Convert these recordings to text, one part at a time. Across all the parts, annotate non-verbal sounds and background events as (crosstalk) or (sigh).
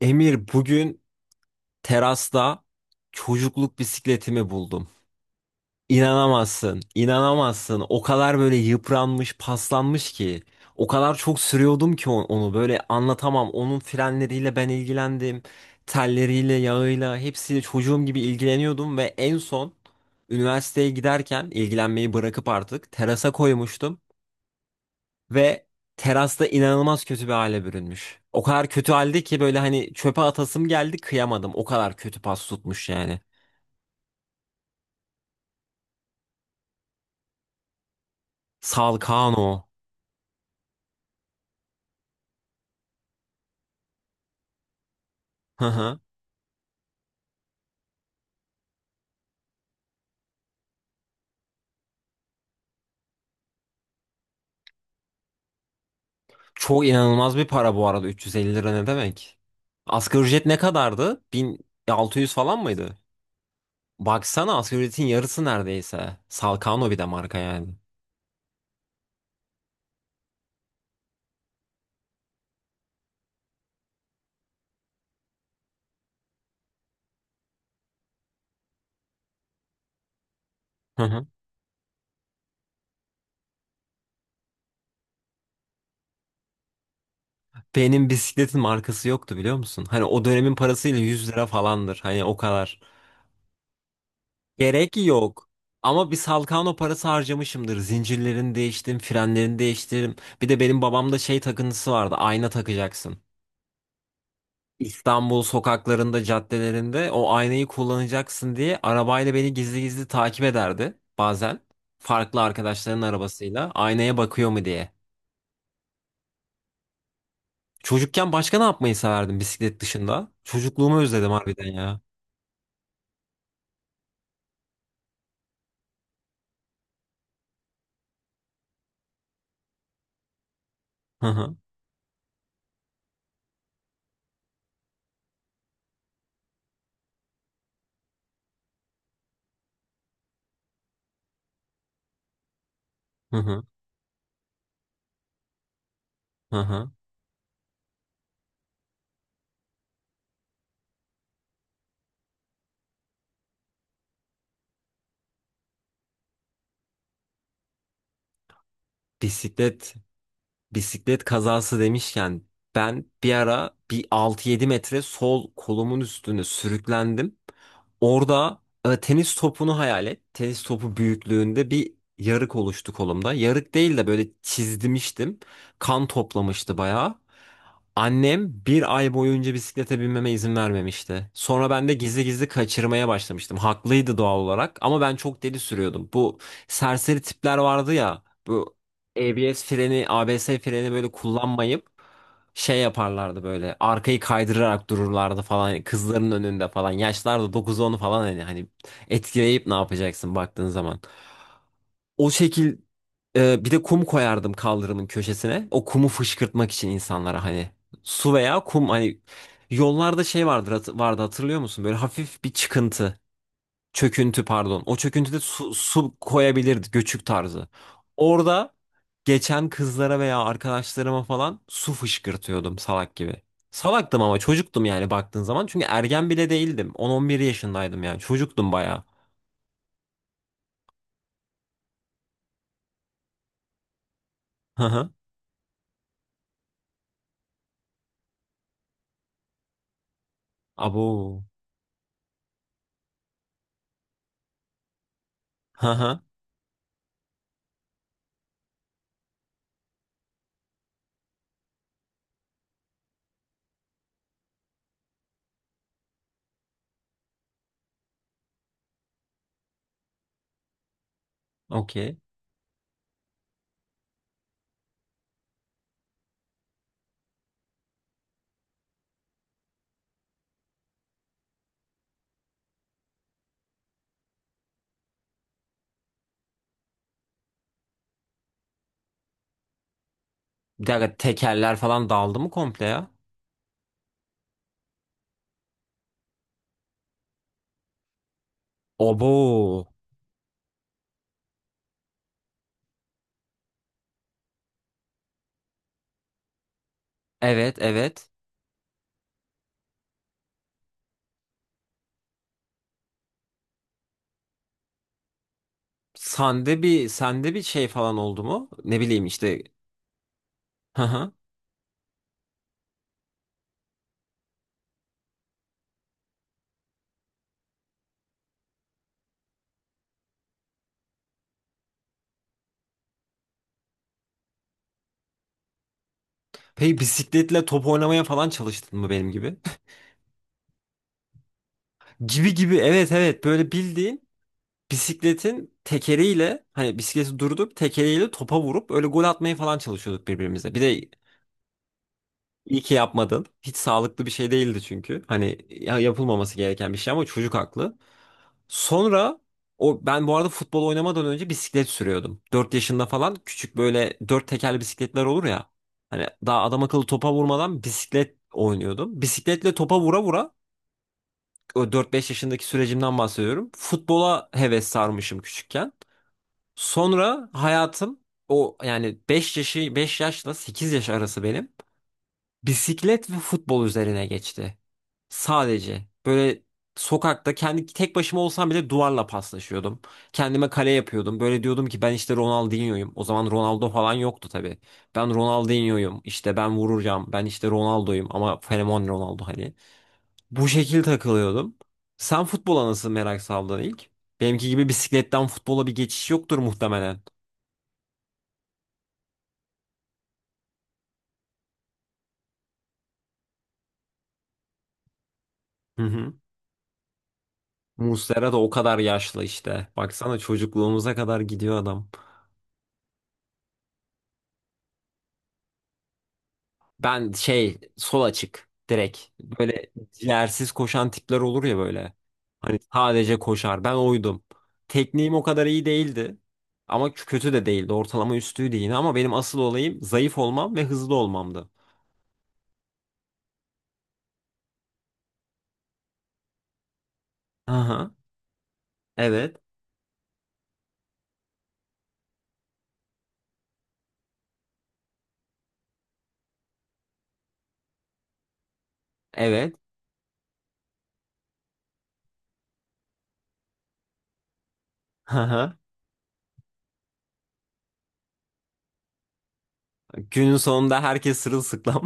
Emir bugün terasta çocukluk bisikletimi buldum. İnanamazsın, inanamazsın. O kadar böyle yıpranmış, paslanmış ki. O kadar çok sürüyordum ki onu böyle anlatamam. Onun frenleriyle ben ilgilendim. Telleriyle, yağıyla hepsiyle çocuğum gibi ilgileniyordum ve en son üniversiteye giderken ilgilenmeyi bırakıp artık terasa koymuştum. Ve terasta inanılmaz kötü bir hale bürünmüş. O kadar kötü halde ki böyle hani çöpe atasım geldi, kıyamadım. O kadar kötü pas tutmuş yani. Salcano. Hı hı. Çok inanılmaz bir para bu arada, 350 lira ne demek? Asgari ücret ne kadardı? 1600 falan mıydı? Baksana, asgari ücretin yarısı neredeyse. Salcano bir de marka yani. Hı hı. Benim bisikletin markası yoktu biliyor musun? Hani o dönemin parasıyla 100 lira falandır. Hani o kadar. Gerek yok. Ama bir Salkano parası harcamışımdır. Zincirlerini değiştim, frenlerini değiştirdim. Bir de benim babamda şey takıntısı vardı. Ayna takacaksın. İstanbul sokaklarında, caddelerinde o aynayı kullanacaksın diye arabayla beni gizli gizli takip ederdi bazen. Farklı arkadaşların arabasıyla aynaya bakıyor mu diye. Çocukken başka ne yapmayı severdim bisiklet dışında? Çocukluğumu özledim harbiden ya. Hı hı, hı hı, hı hı. Bisiklet Bisiklet kazası demişken ben bir ara bir 6-7 metre sol kolumun üstüne sürüklendim. Orada, tenis topunu hayal et. Tenis topu büyüklüğünde bir yarık oluştu kolumda. Yarık değil de böyle çizdimiştim. Kan toplamıştı bayağı. Annem bir ay boyunca bisiklete binmeme izin vermemişti. Sonra ben de gizli gizli kaçırmaya başlamıştım. Haklıydı doğal olarak ama ben çok deli sürüyordum. Bu serseri tipler vardı ya. Bu ABS freni, böyle kullanmayıp şey yaparlardı böyle. Arkayı kaydırarak dururlardı falan. Kızların önünde falan. Yaşlar da 9-10 falan, hani etkileyip ne yapacaksın baktığın zaman. O şekil, bir de kum koyardım kaldırımın köşesine. O kumu fışkırtmak için insanlara, hani su veya kum, hani yollarda şey vardır, vardı, hatırlıyor musun? Böyle hafif bir çıkıntı, çöküntü pardon. O çöküntüde su koyabilirdi, göçük tarzı. Orada geçen kızlara veya arkadaşlarıma falan su fışkırtıyordum salak gibi. Salaktım ama çocuktum yani baktığın zaman. Çünkü ergen bile değildim. 10-11 yaşındaydım yani. Çocuktum bayağı. Hı hı. Abo. Hı hı. Okey. Bir dakika, tekerler falan daldı mı komple ya? Obo. Evet evet. Sende bir şey falan oldu mu? Ne bileyim işte. (laughs) Peki bisikletle top oynamaya falan çalıştın mı benim gibi? (laughs) Gibi gibi, evet evet, böyle bildiğin bisikletin tekeriyle, hani bisikleti durdurup tekeriyle topa vurup öyle gol atmaya falan çalışıyorduk birbirimize. Bir de iyi ki yapmadın. Hiç sağlıklı bir şey değildi çünkü. Hani yapılmaması gereken bir şey ama çocuk haklı. Sonra, o, ben bu arada futbol oynamadan önce bisiklet sürüyordum. 4 yaşında falan, küçük böyle 4 tekerli bisikletler olur ya. Hani daha adam akıllı topa vurmadan bisiklet oynuyordum. Bisikletle topa vura vura o 4-5 yaşındaki sürecimden bahsediyorum. Futbola heves sarmışım küçükken. Sonra hayatım, o yani, 5 yaşla 8 yaş arası benim bisiklet ve futbol üzerine geçti. Sadece böyle sokakta kendi tek başıma olsam bile duvarla paslaşıyordum. Kendime kale yapıyordum. Böyle diyordum ki ben işte Ronaldinho'yum. O zaman Ronaldo falan yoktu tabii. Ben Ronaldinho'yum. İşte ben vuracağım. Ben işte Ronaldo'yum ama fenomen Ronaldo hani. Bu şekil takılıyordum. Sen futbola nasıl merak saldın ilk? Benimki gibi bisikletten futbola bir geçiş yoktur muhtemelen. Hı hı. Muslera da o kadar yaşlı işte. Baksana çocukluğumuza kadar gidiyor adam. Ben şey sol açık direkt. Böyle ciğersiz koşan tipler olur ya böyle. Hani sadece koşar. Ben oydum. Tekniğim o kadar iyi değildi. Ama kötü de değildi. Ortalama üstüydü yine, ama benim asıl olayım zayıf olmam ve hızlı olmamdı. Aha. Evet. Evet. (laughs) Günün sonunda herkes sırılsıklam.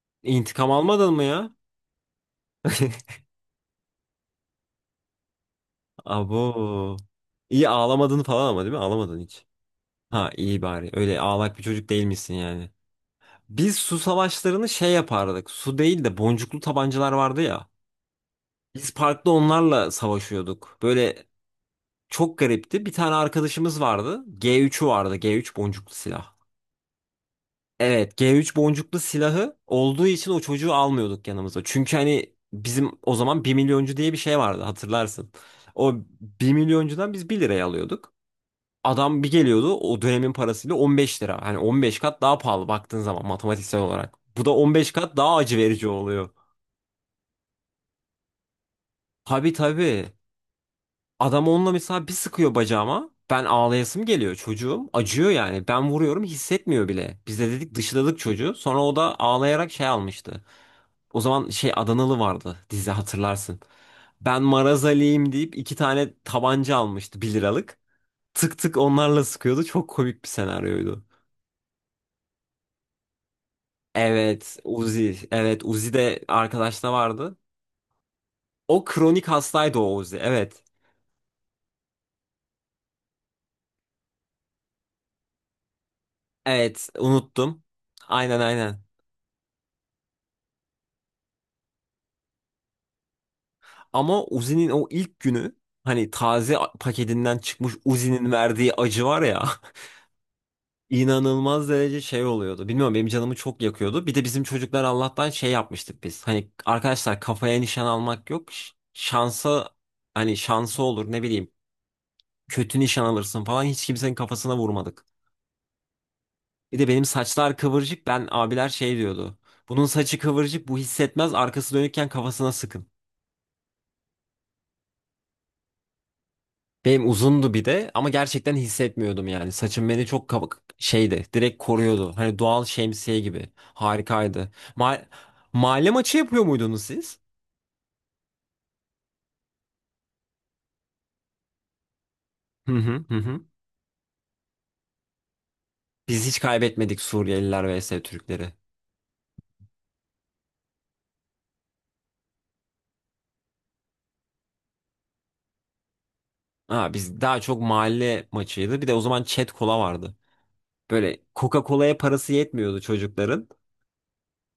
(laughs) İntikam almadın mı ya? (laughs) Abo. İyi ağlamadın falan ama, değil mi? Ağlamadın hiç. Ha iyi bari. Öyle ağlak bir çocuk değilmişsin yani. Biz su savaşlarını şey yapardık. Su değil de boncuklu tabancalar vardı ya. Biz parkta onlarla savaşıyorduk. Böyle çok garipti. Bir tane arkadaşımız vardı. G3'ü vardı. G3 boncuklu silah. Evet, G3 boncuklu silahı olduğu için o çocuğu almıyorduk yanımıza. Çünkü hani bizim o zaman bir milyoncu diye bir şey vardı, hatırlarsın. O bir milyoncudan biz bir liraya alıyorduk. Adam bir geliyordu o dönemin parasıyla 15 lira. Hani 15 kat daha pahalı baktığın zaman, matematiksel olarak. Bu da 15 kat daha acı verici oluyor. Tabii tabii. Adam onunla mesela bir sıkıyor bacağıma. Ben ağlayasım geliyor çocuğum. Acıyor yani. Ben vuruyorum, hissetmiyor bile. Biz de dedik, dışladık çocuğu. Sonra o da ağlayarak şey almıştı. O zaman şey Adanalı vardı dizi, hatırlarsın. Ben Marazali'yim deyip 2 tane tabanca almıştı, 1 liralık. Tık tık onlarla sıkıyordu. Çok komik bir senaryoydu. Evet Uzi. Evet Uzi de arkadaşta vardı. O kronik hastaydı o Uzi. Evet. Evet unuttum. Aynen aynen. Ama Uzi'nin o ilk günü, hani taze paketinden çıkmış Uzi'nin verdiği acı var ya. (laughs) inanılmaz derece şey oluyordu. Bilmiyorum, benim canımı çok yakıyordu. Bir de bizim çocuklar Allah'tan şey yapmıştık biz. Hani arkadaşlar, kafaya nişan almak yok. Şansa, hani şansı olur, ne bileyim. Kötü nişan alırsın falan, hiç kimsenin kafasına vurmadık. Bir de benim saçlar kıvırcık, ben, abiler şey diyordu. Bunun saçı kıvırcık, bu hissetmez, arkası dönükken kafasına sıkın. Benim uzundu bir de ama gerçekten hissetmiyordum yani. Saçım beni çok kabuk şeydi. Direkt koruyordu. Hani doğal şemsiye gibi. Harikaydı. Ma- Mahalle maçı yapıyor muydunuz siz? Hı hı hı. Hı. Biz hiç kaybetmedik, Suriyeliler vs Türkleri. Ha, biz daha çok mahalle maçıydı. Bir de o zaman Chat Cola vardı. Böyle Coca-Cola'ya parası yetmiyordu çocukların.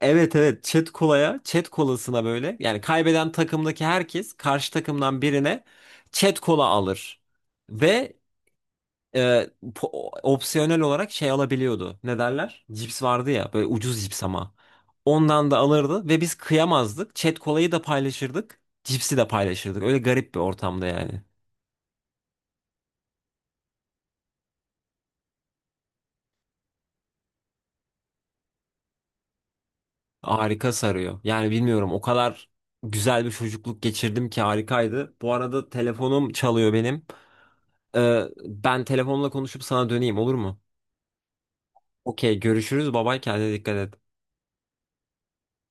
Evet evet, Chat Cola'ya, Chat Cola'sına böyle, yani kaybeden takımdaki herkes karşı takımdan birine Chat Cola alır. Ve e, opsiyonel olarak şey alabiliyordu. Ne derler? Cips vardı ya, böyle ucuz cips ama. Ondan da alırdı ve biz kıyamazdık. Chat kolayı da paylaşırdık. Cipsi de paylaşırdık. Öyle garip bir ortamda yani. Harika sarıyor. Yani bilmiyorum, o kadar güzel bir çocukluk geçirdim ki, harikaydı. Bu arada telefonum çalıyor benim. Ben telefonla konuşup sana döneyim, olur mu? Okey, görüşürüz. Babay, kendine dikkat et.